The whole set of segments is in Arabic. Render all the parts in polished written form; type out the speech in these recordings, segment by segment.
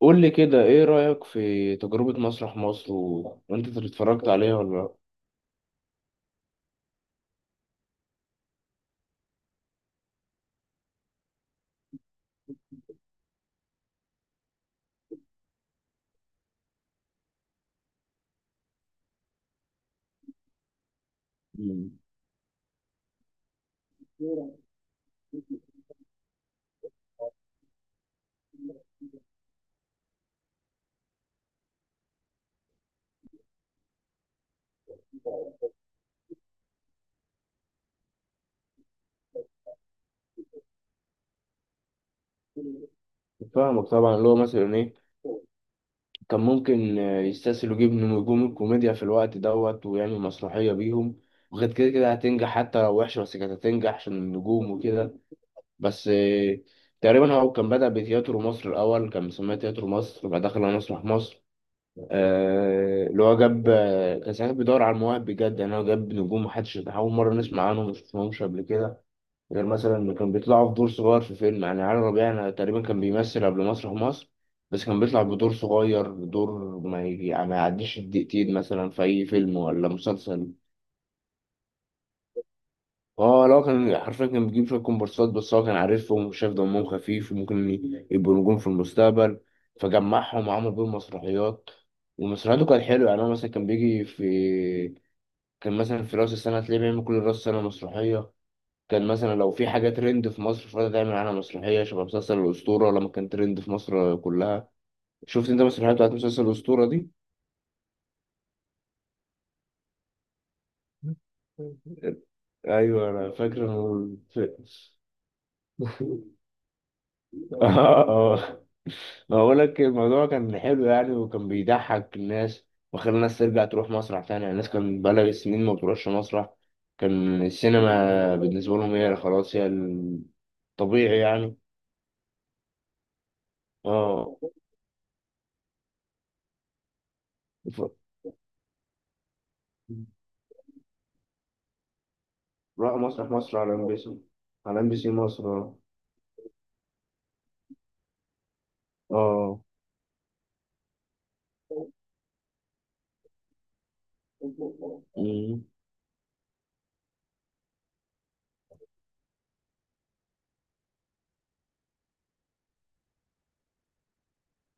قول لي كده ايه رأيك في تجربة مسرح مصر و... وانت اتفرجت عليها ولا لا؟ مم. فاهمك طبعا. اللي هو مثلا ايه كان ممكن، يستسهل يجيب نجوم الكوميديا في الوقت دوت ويعمل مسرحية بيهم، وغير كده كده هتنجح حتى لو وحشة، بس كانت هتنجح عشان النجوم وكده. بس تقريبا هو كان بدأ بتياترو مصر، الأول كان مسميه تياترو مصر وبعد دخل على مسرح مصر. اللي هو جاب، كان ساعتها بيدور على المواهب بجد، يعني هو جاب نجوم محدش أول مرة نسمع عنهم، ما شفناهمش قبل كده، غير مثلا إنه كان بيطلعوا في دور صغير في فيلم. يعني علي ربيع أنا تقريبا كان بيمثل قبل مسرح مصر، بس كان بيطلع بدور صغير، دور ما, ما يعديش الدقيقتين مثلا في أي فيلم ولا مسلسل. اه لا، كان حرفيا كان بيجيب شوية كومبارسات، بس هو كان عارفهم وشاف دمهم خفيف وممكن يبقوا نجوم في المستقبل، فجمعهم وعمل بيهم مسرحيات. ومسرحياته كانت حلوة، يعني هو مثلا كان بيجي في، كان مثلا في رأس السنة تلاقيه بيعمل كل رأس السنة مسرحية، كان مثلا لو في حاجة ترند في مصر فده تعمل عنها مسرحية، شبه مسلسل الأسطورة لما كان ترند في مصر كلها. شفت انت المسرحية بتاعت مسلسل الأسطورة دي؟ أيوة أنا فاكر. إنه- اه. بقول لك الموضوع كان حلو يعني، وكان بيضحك الناس وخلى الناس ترجع تروح مسرح تاني. يعني الناس كان بقالها سنين ما بتروحش مسرح، كان السينما بالنسبة لهم هي خلاص، هي الطبيعي يعني. اه. ف- راحوا مسرح مصر على ام بي سي. على ام بي سي مصر، اه. اه. مم.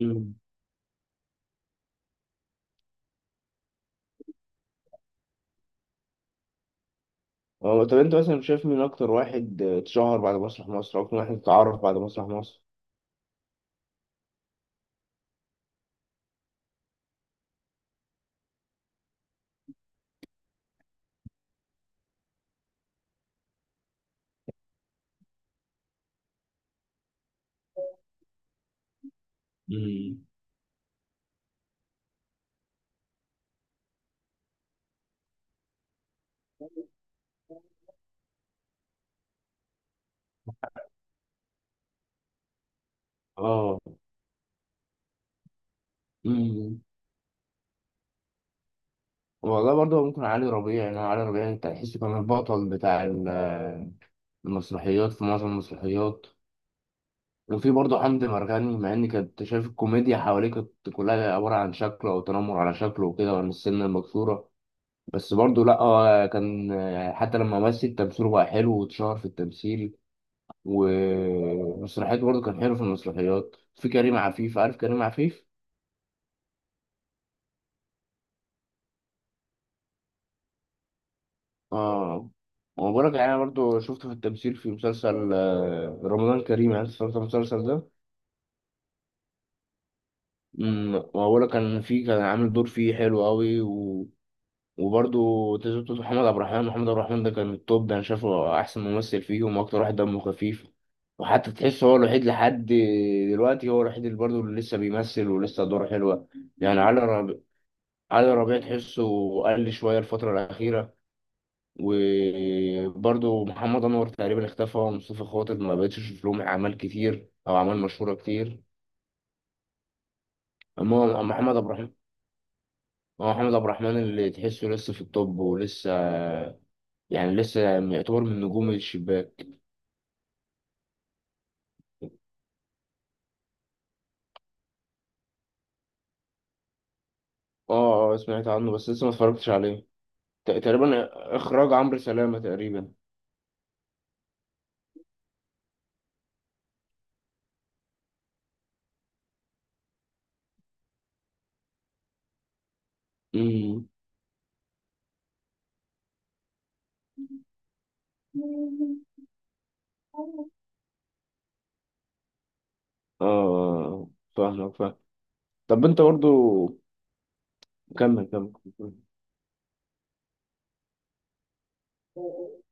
مم. اه، طب انت مثلا شايف مين اكتر واحد اتشهر بعد مسرح مصر، اكتر واحد اتعرف بعد مسرح مصر؟ مم. اه والله، برضه ممكن علي ربيع. يعني علي ربيع انت تحسه كان البطل بتاع المسرحيات، في معظم المسرحيات. وفي برضه حمدي مرغني، مع ان كنت شايف الكوميديا حواليه كانت كلها عبارة عن شكله او تنمر على شكله وكده، وعن السن المكسورة. بس برضه لا، هو كان، حتى لما مثل تمثيله بقى حلو واتشهر في التمثيل، ومسرحياته برضه كان حلو في المسرحيات. في كريم عفيف، عارف كريم عفيف؟ اه. وبقولك انا برضو شفته في التمثيل في مسلسل رمضان كريم، عارف شفت المسلسل ده؟ امم، وبقولك كان فيه، كان عامل دور فيه حلو قوي و... وبرضو تزوجته محمد عبد الرحمن. محمد عبد الرحمن ده كان التوب ده، انا شايفه احسن ممثل فيهم واكتر واحد دمه خفيف، وحتى تحس هو الوحيد لحد دلوقتي، هو الوحيد اللي برضه اللي لسه بيمثل ولسه دوره حلوة. يعني علي ربيع، علي ربيع تحسه قل شوية الفترة الأخيرة. وبرضو محمد انور تقريبا اختفى، مصطفى خاطر ما بقتش اشوف لهم اعمال كتير او اعمال مشهوره كتير. اما، أما محمد عبد الرحمن، أما محمد عبد الرحمن اللي تحسه لسه في الطب ولسه يعني لسه يعتبر من نجوم الشباك. اه اه، سمعت عنه بس لسه ما اتفرجتش عليه. تقريبا اخراج عمرو سلامه تقريبا. امم. اه. آه، فاهمك، فاهم. طب انت برضو كمل. كمل.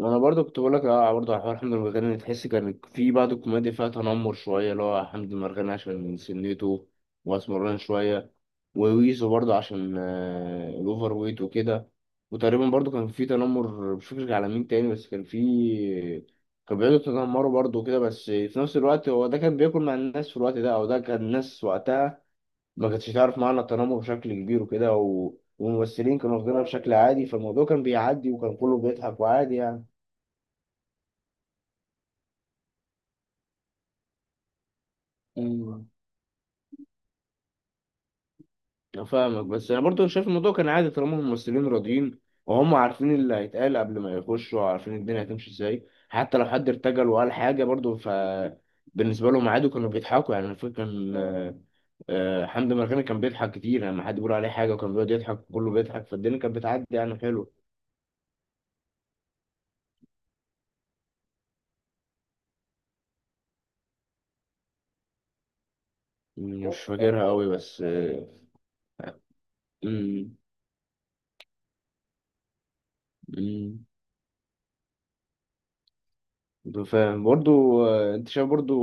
انا برضو كنت بقول لك اه، برضو على حوار حمد المرغني، تحس كان في بعض الكوميديا فيها تنمر شويه، اللي هو حمد المرغني عشان من سنته واسمران شويه، وويزو برضو عشان، الاوفر ويت وكده. وتقريبا برضو كان في تنمر مش فاكر على مين تاني، بس كان في، كان بيقعدوا يتنمروا برضو كده، بس في نفس الوقت هو ده كان بياكل مع الناس في الوقت ده، او ده كان الناس وقتها ما كانتش تعرف معنى التنمر بشكل كبير وكده، و... والممثلين كانوا واخدينها بشكل عادي، فالموضوع كان بيعدي وكان كله بيضحك وعادي يعني. مم. أنا فاهمك، بس انا برضو شايف الموضوع كان عادي طالما هم الممثلين راضيين، وهم عارفين اللي هيتقال قبل ما يخشوا، وعارفين الدنيا هتمشي ازاي. حتى لو حد ارتجل وقال حاجه برضو، ف بالنسبه لهم عادي، كانوا بيضحكوا يعني. أنا فاكر كان، حمدي مرغني كان بيضحك كتير يعني، لما حد بيقول عليه حاجه وكان بيقعد يضحك كله بيضحك، فالدنيا كانت بتعدي يعني حلو. مش فاكرها قوي بس، مم. مم. فاهم برضو. انت شايف برضو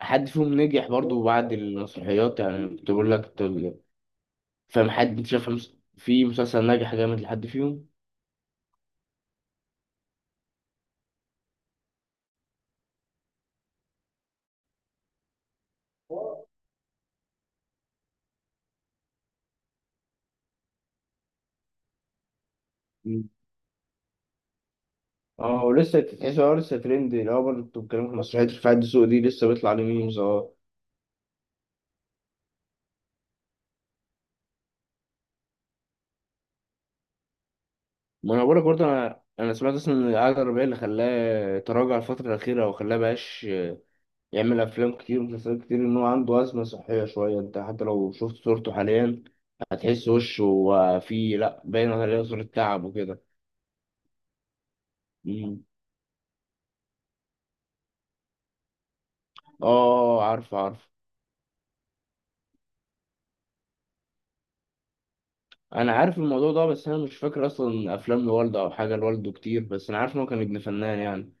حد فيهم نجح برضو بعد المسرحيات؟ يعني كنت بقول لك، فاهم، حد انت شايف في مسلسل ناجح جامد لحد فيهم؟ مم. اه، ولسه تحس اه لسه ترند، اللي هو برضه انتوا بتتكلموا في مسرحية رفاعي الدسوقي دي، لسه بيطلع عليه ميمز، اه. ما انا بقولك برضه، انا سمعت اصلا ان القعده الرباعيه اللي خلاه تراجع الفتره الاخيره، او خلاه بقاش يعمل افلام كتير ومسلسلات كتير، ان هو عنده ازمه صحيه شويه. انت حتى لو شفت صورته حاليا، هتحس وشه فيه لا، باين عليه صوره تعب وكده. مم. اه عارف. انا عارف الموضوع ده، بس انا مش فاكر اصلا افلام لوالده او حاجه لوالده كتير، بس انا عارف ان هو كان ابن فنان يعني.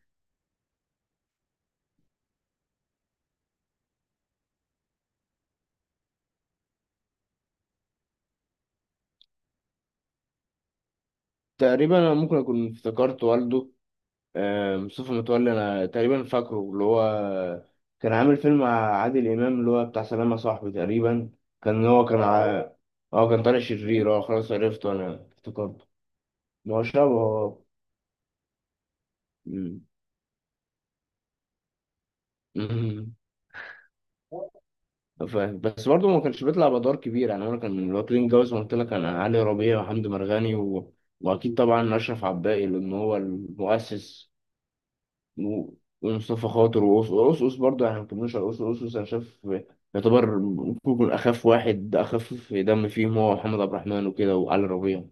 تقريبا انا ممكن اكون افتكرت والده، مصطفى متولي، انا تقريبا فاكره اللي هو كان عامل فيلم مع عادل امام اللي هو بتاع سلام يا صاحبي تقريبا. كان هو كان ع... اه، اه كان طالع شرير، اه خلاص عرفته، انا افتكرته. ما هو شبهه آه. مم. مم. فاهم، بس برضه ما كانش بيطلع بأدوار كبيرة يعني. أنا كان من الواكلين جوز ما قلت لك، أنا علي ربيع وحمدي مرغني و... وأكيد طبعا أشرف عباقي لأن هو المؤسس، و... ومصطفى خاطر وأوس أوس أوس برضه، يعني ما كملوش على أوس أوس أوس. أنا شايف يعتبر ممكن يكون أخف واحد، أخف دم فيهم هو محمد عبد الرحمن وكده وعلي ربيع.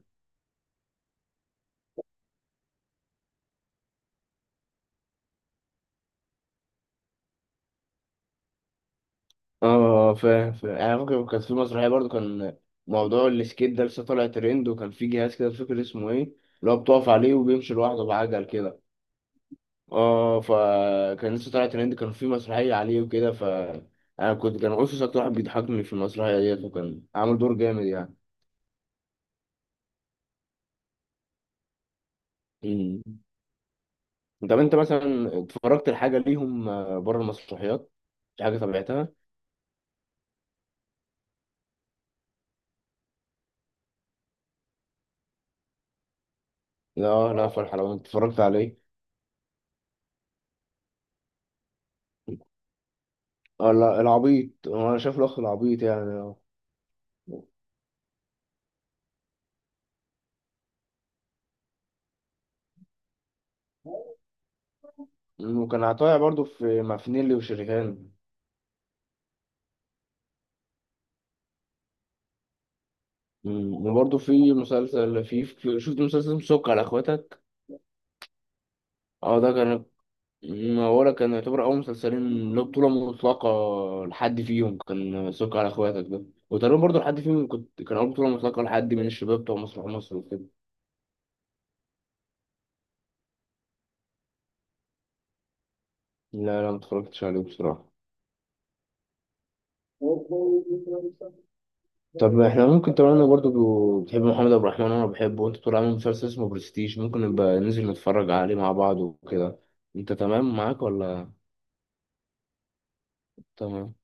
اه. فاهم. يعني ممكن كانت في مسرحية برضه، كان موضوع السكيت ده لسه طالع ترند، وكان في جهاز كده مش فاكر اسمه ايه، اللي هو بتقف عليه وبيمشي لوحده بعجل كده. اه، فكان لسه طالع ترند، كان في مسرحية عليه وكده. ف انا كنت، كان أوسوس اكتر واحد بيضحكني في المسرحية ديت، وكان عامل دور جامد يعني. مم. طب انت مثلا اتفرجت لحاجة ليهم بره المسرحيات؟ في حاجة تابعتها؟ لا لا فرح، لو انت اتفرجت عليه؟ اه لا، العبيط، هو انا شايف الاخ العبيط يعني، اه. مم، وكان طالع برضه في مع فنيلي وشريهان. مم، وبرضه في مسلسل في، شفت مسلسل سك على اخواتك؟ اه، ده كان، ما بقولك كان يعتبر أول مسلسلين له بطولة مطلقة لحد فيهم، كان سك على إخواتك ده. وتقريبا برضه لحد فيهم كنت، كان أول بطولة مطلقة لحد من الشباب بتوع مسرح مصر وكده. لا لا، ما اتفرجتش عليه بصراحة. طب احنا ممكن طبعا، انا برضه بتحب محمد عبد الرحمن وانا بحبه، وانت بتقول عامل مسلسل اسمه برستيج، ممكن نبقى ننزل نتفرج عليه مع بعض وكده. انت تمام معاك ولا؟ تمام.